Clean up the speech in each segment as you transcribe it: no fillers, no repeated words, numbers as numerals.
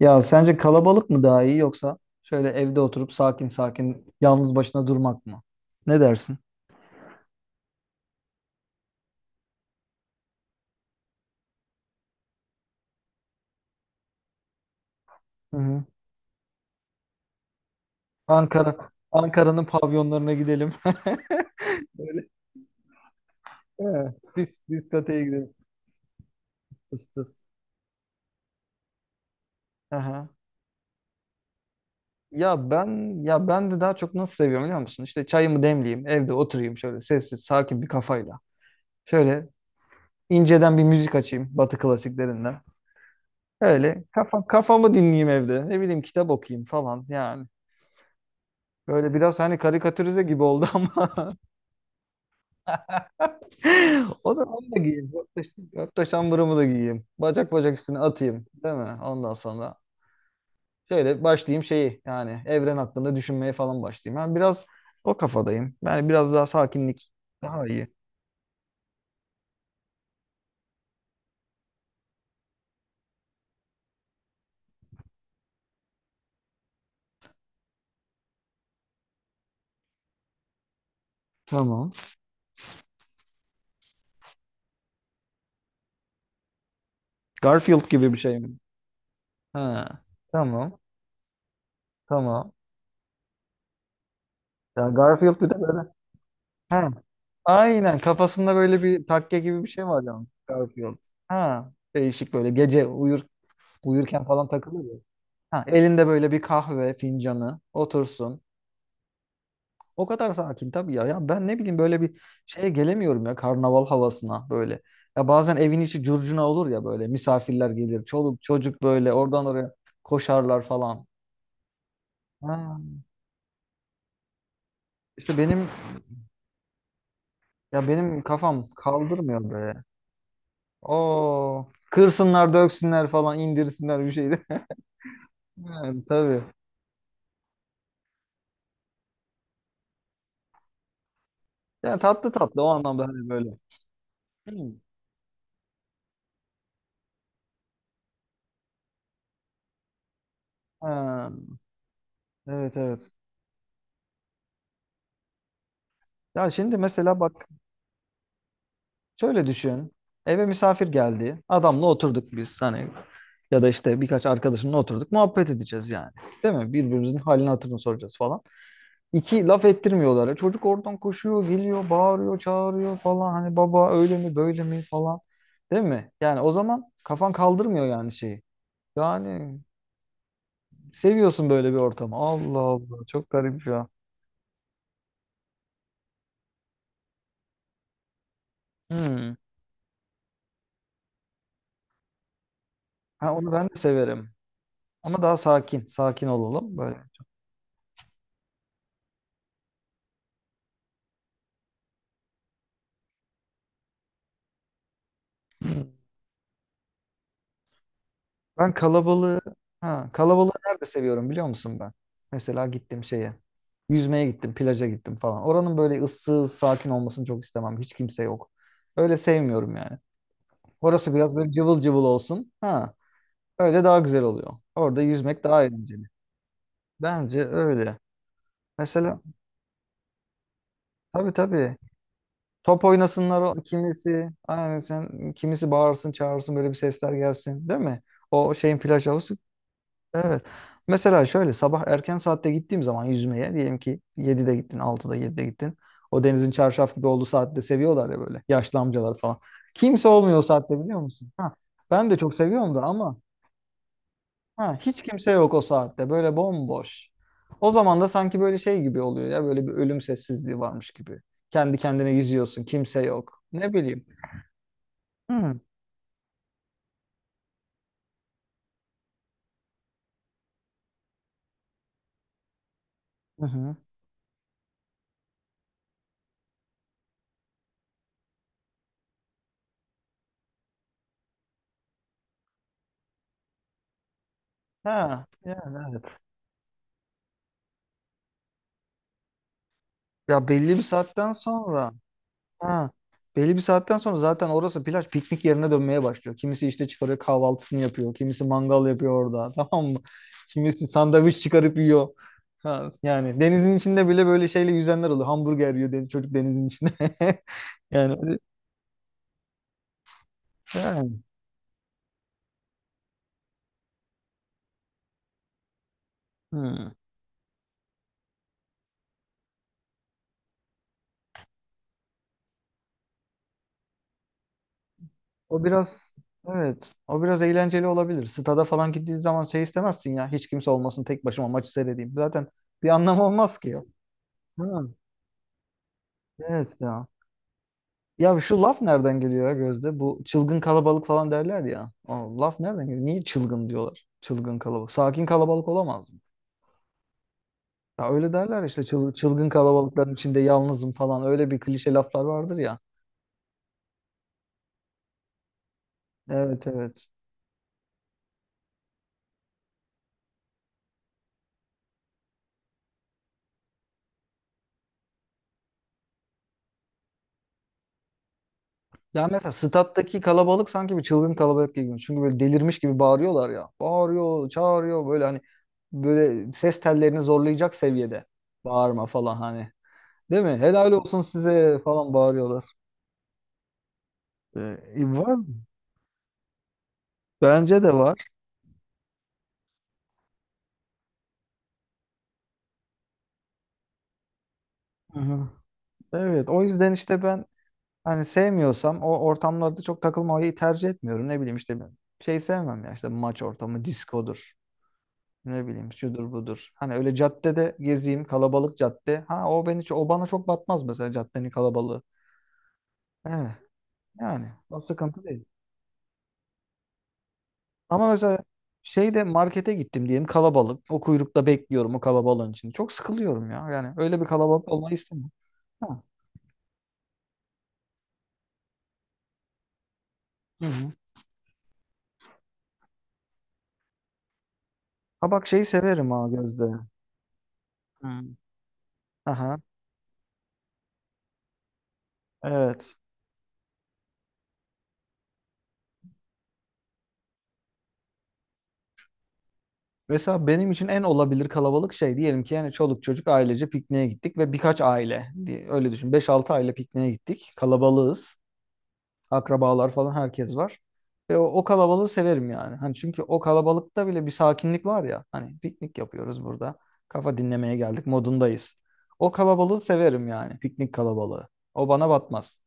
Ya sence kalabalık mı daha iyi yoksa şöyle evde oturup sakin sakin yalnız başına durmak mı? Ne dersin? Hı hı. Ankara'nın pavyonlarına gidelim. Böyle he, diskoteye gidelim. Tıs tıs. Aha. Ya ben de daha çok nasıl seviyorum biliyor musun? İşte çayımı demleyeyim, evde oturayım şöyle sessiz, sakin bir kafayla. Şöyle inceden bir müzik açayım Batı klasiklerinden. Öyle kafamı dinleyeyim evde. Ne bileyim kitap okuyayım falan. Yani böyle biraz hani karikatürize gibi oldu ama o da onu da giyeyim. Hatta şambırımı da giyeyim. Bacak bacak üstüne atayım. Değil mi? Ondan sonra şöyle başlayayım şeyi, yani evren hakkında düşünmeye falan başlayayım. Ben biraz o kafadayım. Yani biraz daha sakinlik daha iyi. Tamam. Garfield gibi bir şey mi? Ha. Tamam. Tamam. Ya Garfield bir de böyle. Ha. Aynen kafasında böyle bir takke gibi bir şey var yani. Garfield. Ha. Değişik böyle gece uyur uyurken falan takılıyor. Ya. Ha, elinde böyle bir kahve fincanı otursun. O kadar sakin tabii ya. Ya ben ne bileyim böyle bir şeye gelemiyorum ya, karnaval havasına böyle. Ya bazen evin içi curcuna olur ya, böyle misafirler gelir. Çoluk çocuk böyle oradan oraya koşarlar falan. Ha, işte benim benim kafam kaldırmıyor be. Oo, kırsınlar, döksünler falan, indirsinler bir şeyde. Yani, tabii. Yani tatlı tatlı o anlamda hani böyle. Hmm. Ha, evet, evet. Ya şimdi mesela bak şöyle düşün. Eve misafir geldi. Adamla oturduk biz, hani ya da işte birkaç arkadaşımla oturduk. Muhabbet edeceğiz yani. Değil mi? Birbirimizin halini hatırını soracağız falan. İki laf ettirmiyorlar. E, çocuk oradan koşuyor, geliyor, bağırıyor, çağırıyor falan. Hani baba öyle mi böyle mi falan. Değil mi? Yani o zaman kafan kaldırmıyor yani şeyi. Yani seviyorsun böyle bir ortamı. Allah Allah, çok garip ya. Hmm. Ha, onu ben de severim. Ama daha sakin, sakin olalım böyle. Ben kalabalığı ha, kalabalığı nerede seviyorum biliyor musun ben? Mesela gittim şeye. Yüzmeye gittim, plaja gittim falan. Oranın böyle ıssız, sakin olmasını çok istemem. Hiç kimse yok. Öyle sevmiyorum yani. Orası biraz böyle cıvıl cıvıl olsun. Ha, öyle daha güzel oluyor. Orada yüzmek daha eğlenceli. Bence öyle. Mesela tabii, tabii. Top oynasınlar o kimisi. Aynen sen kimisi bağırsın, çağırsın böyle bir sesler gelsin, değil mi? O şeyin plaj havuzu. Evet. Mesela şöyle sabah erken saatte gittiğim zaman yüzmeye, diyelim ki 7'de gittin, 6'da, 7'de gittin. O denizin çarşaf gibi olduğu saatte seviyorlar ya böyle yaşlı amcalar falan. Kimse olmuyor o saatte biliyor musun? Ha, ben de çok seviyorum da ama ha, hiç kimse yok o saatte böyle bomboş. O zaman da sanki böyle şey gibi oluyor ya, böyle bir ölüm sessizliği varmış gibi. Kendi kendine yüzüyorsun, kimse yok. Ne bileyim. Hı hı. hı. Ha, yani evet. Ya belli bir saatten sonra ha. Belli bir saatten sonra zaten orası plaj piknik yerine dönmeye başlıyor. Kimisi işte çıkarıyor kahvaltısını yapıyor. Kimisi mangal yapıyor orada. Tamam mı? Kimisi sandviç çıkarıp yiyor. Ha, yani denizin içinde bile böyle şeyle yüzenler oluyor. Hamburger yiyor deniz, çocuk denizin içinde. Yani, öyle- yani. Hmm. O biraz evet. O biraz eğlenceli olabilir. Stada falan gittiği zaman şey istemezsin ya. Hiç kimse olmasın, tek başıma maçı seyredeyim. Zaten bir anlamı olmaz ki ya. Ha, evet ya. Ya şu laf nereden geliyor ya Gözde? Bu çılgın kalabalık falan derler ya. O laf nereden geliyor? Niye çılgın diyorlar? Çılgın kalabalık. Sakin kalabalık olamaz mı? Ya öyle derler işte çılgın kalabalıkların içinde yalnızım falan. Öyle bir klişe laflar vardır ya. Evet, evet. Ya mesela stattaki kalabalık sanki bir çılgın kalabalık gibi. Çünkü böyle delirmiş gibi bağırıyorlar ya. Bağırıyor, çağırıyor böyle hani böyle ses tellerini zorlayacak seviyede. Bağırma falan hani. Değil mi? Helal olsun size falan bağırıyorlar. Ee, var. Bence de var. Aha. Evet, o yüzden işte ben hani sevmiyorsam o ortamlarda çok takılmayı tercih etmiyorum. Ne bileyim işte ben şey sevmem ya, işte maç ortamı, diskodur. Ne bileyim şudur budur. Hani öyle caddede gezeyim, kalabalık cadde. Ha o bana çok batmaz mesela caddenin kalabalığı. Evet, yani o sıkıntı değil. Ama mesela şeyde markete gittim diyelim, kalabalık. O kuyrukta bekliyorum o kalabalığın içinde, çok sıkılıyorum ya. Yani öyle bir kalabalık olmayı istemem. Ha. Hı hı. Ha bak şeyi severim ha Gözde. Hı. Aha, evet. Mesela benim için en olabilir kalabalık şey, diyelim ki yani çoluk çocuk ailece pikniğe gittik ve birkaç aile diye öyle düşün, beş altı aile pikniğe gittik. Kalabalığız. Akrabalar falan herkes var. Ve o kalabalığı severim yani. Hani çünkü o kalabalıkta bile bir sakinlik var ya. Hani piknik yapıyoruz burada. Kafa dinlemeye geldik modundayız. O kalabalığı severim yani, piknik kalabalığı. O bana batmaz.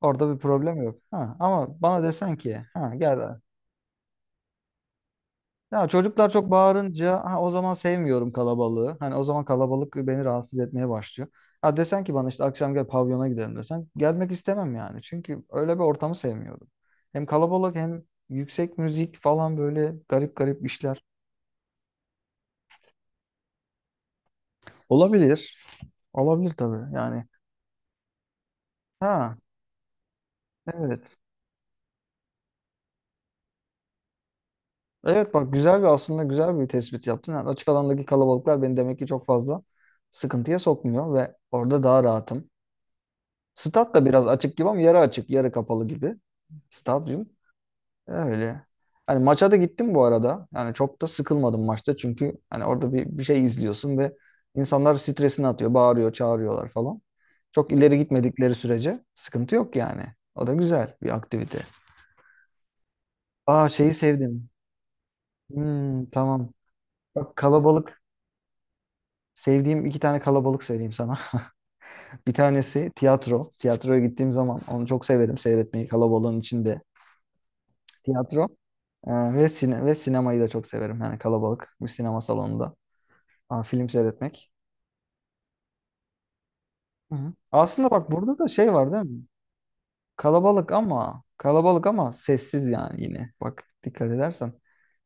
Orada bir problem yok. Ha, ama bana desen ki ha, gel ya çocuklar çok bağırınca ha, o zaman sevmiyorum kalabalığı. Hani o zaman kalabalık beni rahatsız etmeye başlıyor. Ha desen ki bana işte akşam gel pavyona gidelim, desen gelmek istemem yani. Çünkü öyle bir ortamı sevmiyorum. Hem kalabalık hem yüksek müzik falan böyle garip garip işler. Olabilir. Olabilir tabii yani. Ha evet. Evet bak güzel bir aslında güzel bir tespit yaptın. Yani açık alandaki kalabalıklar beni demek ki çok fazla sıkıntıya sokmuyor ve orada daha rahatım. Stat da biraz açık gibi ama yarı açık, yarı kapalı gibi. Stadyum öyle. Hani maça da gittim bu arada. Yani çok da sıkılmadım maçta çünkü hani orada bir şey izliyorsun ve insanlar stresini atıyor, bağırıyor, çağırıyorlar falan. Çok ileri gitmedikleri sürece sıkıntı yok yani. O da güzel bir aktivite. Aa şeyi sevdim. Hmm, tamam. Bak kalabalık. Sevdiğim iki tane kalabalık söyleyeyim sana. Bir tanesi tiyatro. Tiyatroya gittiğim zaman onu çok severim seyretmeyi kalabalığın içinde. Tiyatro e, ve sinemayı da çok severim. Yani kalabalık bir sinema salonunda aa, film seyretmek. Hı hı. Aslında bak burada da şey var değil mi? Kalabalık ama sessiz yani yine. Bak dikkat edersen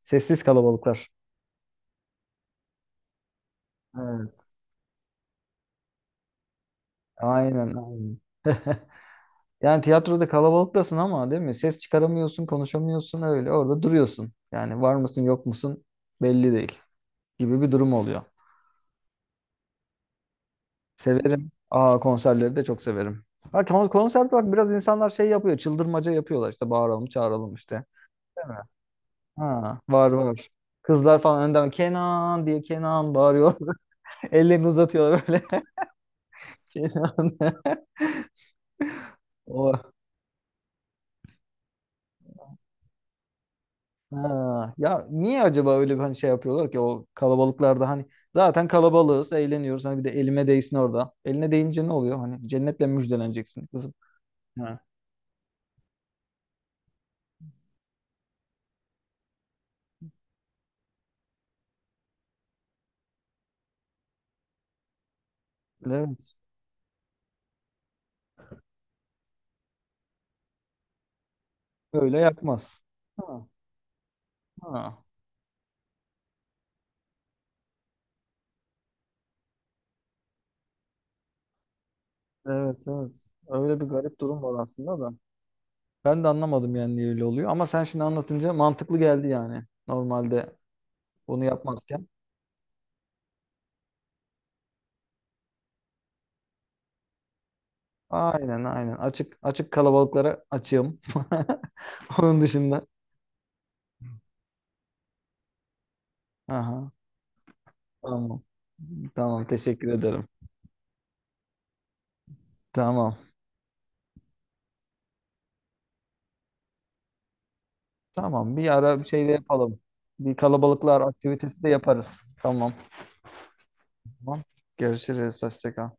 sessiz kalabalıklar. Evet. Aynen, aynen. Yani tiyatroda kalabalıktasın ama değil mi? Ses çıkaramıyorsun, konuşamıyorsun öyle. Orada duruyorsun. Yani var mısın, yok musun belli değil gibi bir durum oluyor. Severim. Aa, konserleri de çok severim. Ha konserde bak biraz insanlar şey yapıyor. Çıldırmaca yapıyorlar, işte bağıralım çağıralım işte. Değil mi? Ha var, var. Kızlar falan önden Kenan diye Kenan bağırıyorlar. Ellerini uzatıyorlar böyle. Kenan. O. Ha. Ya niye acaba öyle bir hani şey yapıyorlar ki o kalabalıklarda, hani zaten kalabalığız eğleniyoruz hani bir de elime değsin orada. Eline değince ne oluyor? Hani cennetle müjdeleneceksin kızım. Ha. Evet. Öyle yapmaz. Ha. Ha. Evet, evet. Öyle bir garip durum var aslında da. Ben de anlamadım yani niye öyle oluyor. Ama sen şimdi anlatınca mantıklı geldi yani. Normalde bunu yapmazken. Aynen, aynen. Açık, açık kalabalıklara açığım. Onun dışında. Aha, tamam. Tamam, teşekkür ederim. Tamam. Tamam, bir ara bir şey de yapalım. Bir kalabalıklar aktivitesi de yaparız. Tamam. Tamam. Görüşürüz. Hoşça kal.